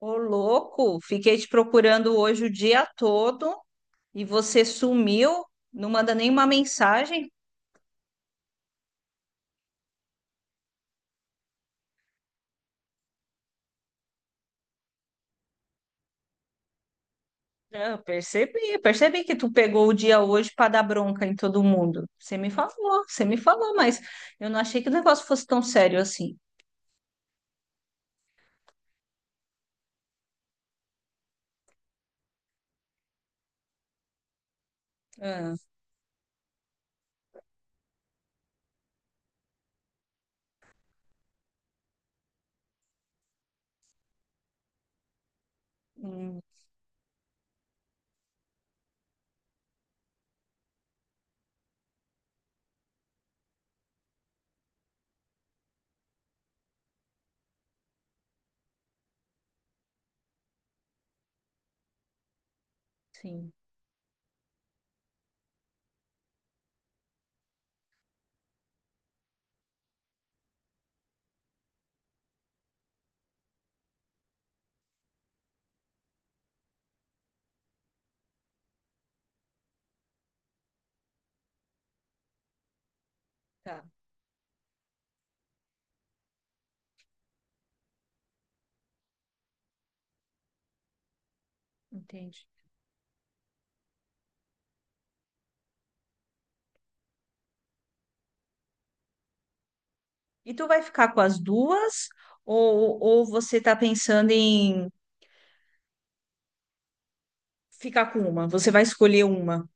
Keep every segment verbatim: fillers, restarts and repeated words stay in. Ô, louco, fiquei te procurando hoje o dia todo e você sumiu, não manda nenhuma mensagem. Eu percebi, percebi que tu pegou o dia hoje para dar bronca em todo mundo. Você me falou, você me falou, mas eu não achei que o negócio fosse tão sério assim. Ah, hum, sim, tá, entendi. E tu vai ficar com as duas ou, ou você tá pensando em ficar com uma? Você vai escolher uma?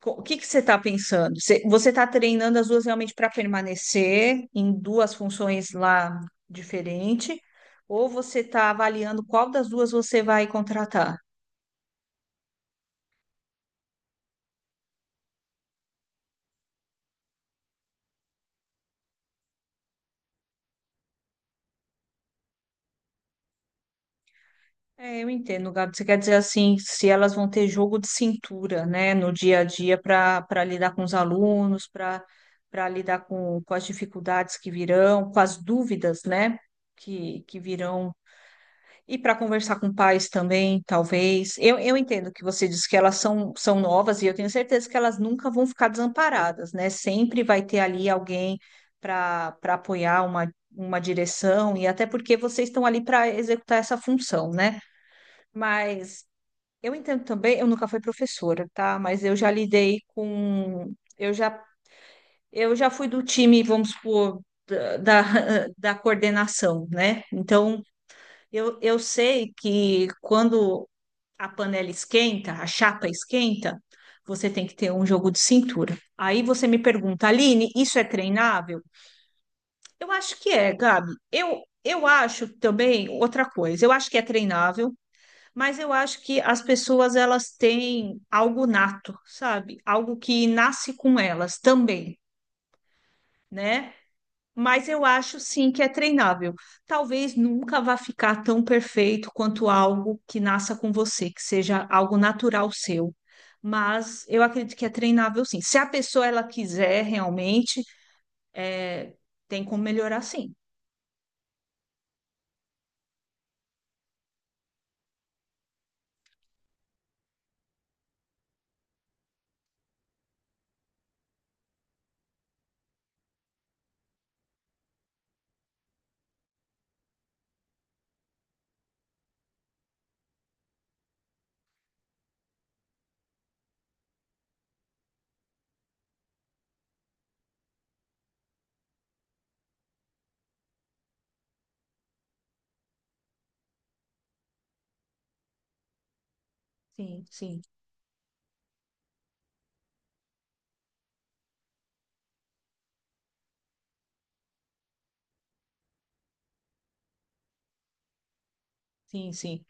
co- O que que você está pensando? Você você está treinando as duas realmente para permanecer em duas funções lá diferente, ou você está avaliando qual das duas você vai contratar? É, eu entendo, Gabi. Você quer dizer assim, se elas vão ter jogo de cintura, né, no dia a dia para para lidar com os alunos, para para lidar com, com as dificuldades que virão, com as dúvidas, né, que, que virão. E para conversar com pais também, talvez. Eu, eu entendo que você disse que elas são, são novas e eu tenho certeza que elas nunca vão ficar desamparadas, né? Sempre vai ter ali alguém para para apoiar uma, uma direção e até porque vocês estão ali para executar essa função, né? Mas eu entendo também, eu nunca fui professora, tá? Mas eu já lidei com. Eu já, eu já fui do time, vamos supor, da, da da coordenação, né? Então. Eu, eu sei que quando a panela esquenta, a chapa esquenta, você tem que ter um jogo de cintura. Aí você me pergunta, Aline, isso é treinável? Eu acho que é, Gabi. Eu, eu acho também outra coisa. Eu acho que é treinável, mas eu acho que as pessoas elas têm algo nato, sabe? Algo que nasce com elas também, né? Mas eu acho sim que é treinável. Talvez nunca vá ficar tão perfeito quanto algo que nasça com você, que seja algo natural seu. Mas eu acredito que é treinável sim. Se a pessoa ela quiser realmente, é, tem como melhorar sim. Sim, sim, sim, sim,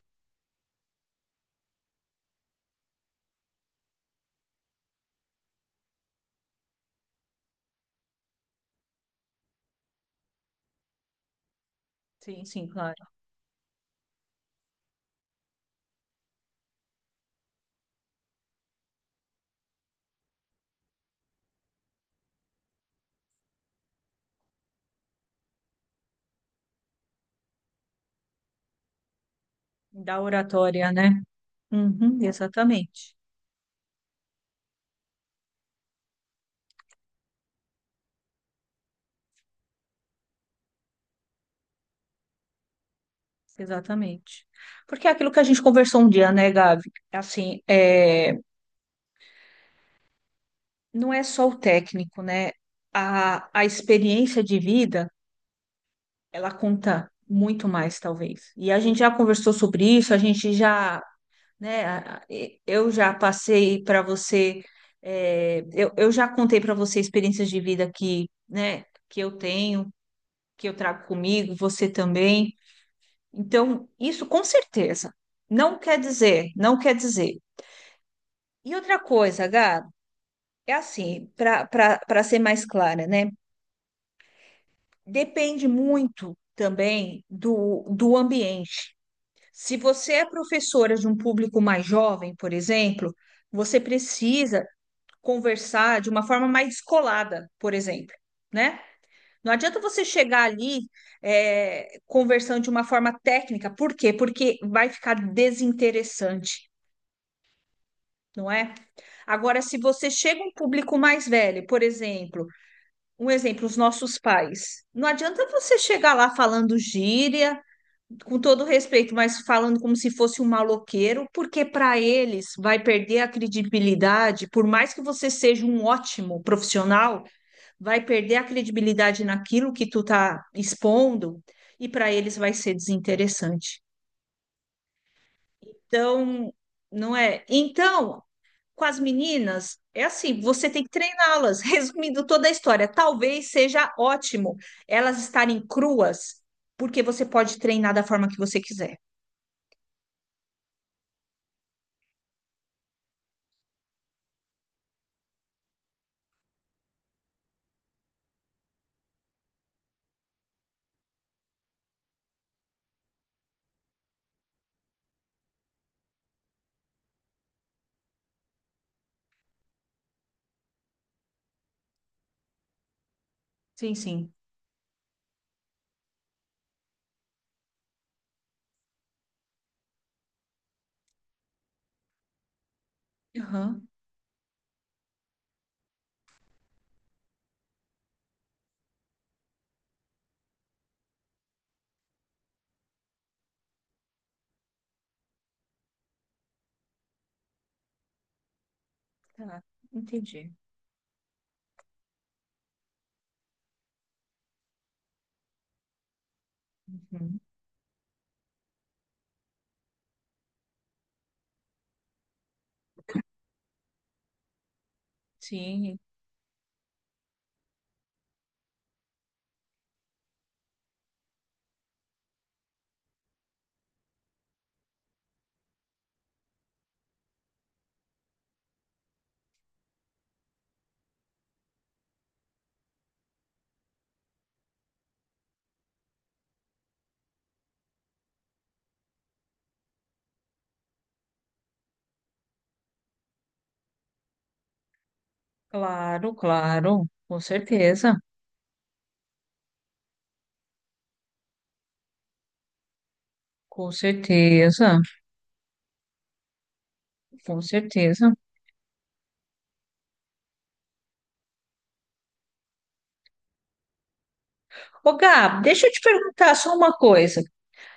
sim, sim, claro. Da oratória, né? Uhum, exatamente, exatamente. Porque é aquilo que a gente conversou um dia, né, Gabi? Assim, é não é só o técnico, né? A, a experiência de vida, ela conta muito mais, talvez. E a gente já conversou sobre isso, a gente já, né? a- a- e- Eu já passei para você, é, eu, eu já contei para você experiências de vida que, né, que eu tenho, que eu trago comigo, você também. Então, isso com certeza. Não quer dizer, não quer dizer. E outra coisa, Gab, é assim, para para ser mais clara, né? Depende muito também do, do ambiente. Se você é professora de um público mais jovem, por exemplo, você precisa conversar de uma forma mais descolada, por exemplo, né? Não adianta você chegar ali é, conversando de uma forma técnica, por quê? Porque vai ficar desinteressante, não é? Agora, se você chega a um público mais velho, por exemplo, um exemplo, os nossos pais, não adianta você chegar lá falando gíria com todo respeito, mas falando como se fosse um maloqueiro, porque para eles vai perder a credibilidade, por mais que você seja um ótimo profissional, vai perder a credibilidade naquilo que tu tá expondo e para eles vai ser desinteressante. Então, não é? Então, com as meninas, é assim, você tem que treiná-las. Resumindo toda a história, talvez seja ótimo elas estarem cruas, porque você pode treinar da forma que você quiser. Sim, sim. Aham, tá. Entendi. Uhum. Sim, claro, claro. Com certeza. Com certeza. Com certeza. Ô, Gab, deixa eu te perguntar só uma coisa.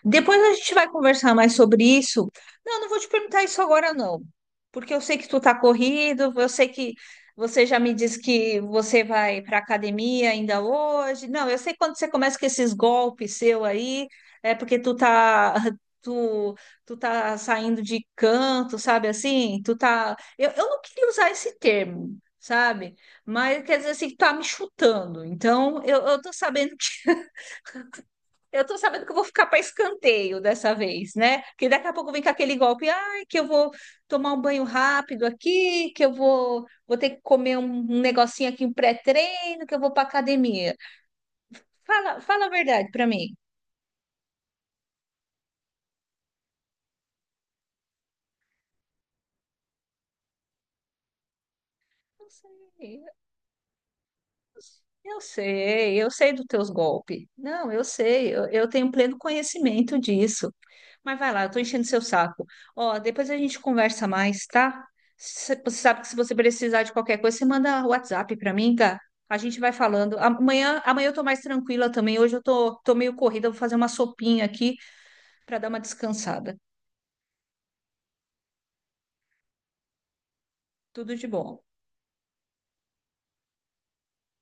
Depois a gente vai conversar mais sobre isso. Não, não vou te perguntar isso agora, não. Porque eu sei que tu tá corrido, eu sei que você já me disse que você vai para academia ainda hoje. Não, eu sei quando você começa com esses golpes seu aí, é porque tu tá tu tu tá saindo de canto, sabe assim? Tu tá eu, eu não queria usar esse termo, sabe? Mas quer dizer assim, que tá me chutando. Então, eu, eu tô sabendo que eu tô sabendo que eu vou ficar para escanteio dessa vez, né? Porque daqui a pouco vem com aquele golpe, ai, que eu vou tomar um banho rápido aqui, que eu vou, vou ter que comer um um negocinho aqui, um pré-treino, que eu vou para academia. Fala, fala a verdade para mim. Não sei. Eu sei, eu sei dos teus golpes. Não, eu sei, eu, eu tenho pleno conhecimento disso. Mas vai lá, eu tô enchendo seu saco. Ó, depois a gente conversa mais, tá? Se- Você sabe que se você precisar de qualquer coisa, você manda WhatsApp pra mim, tá? A gente vai falando. Amanhã, amanhã eu tô mais tranquila também. Hoje eu tô, tô meio corrida, vou fazer uma sopinha aqui pra dar uma descansada. Tudo de bom.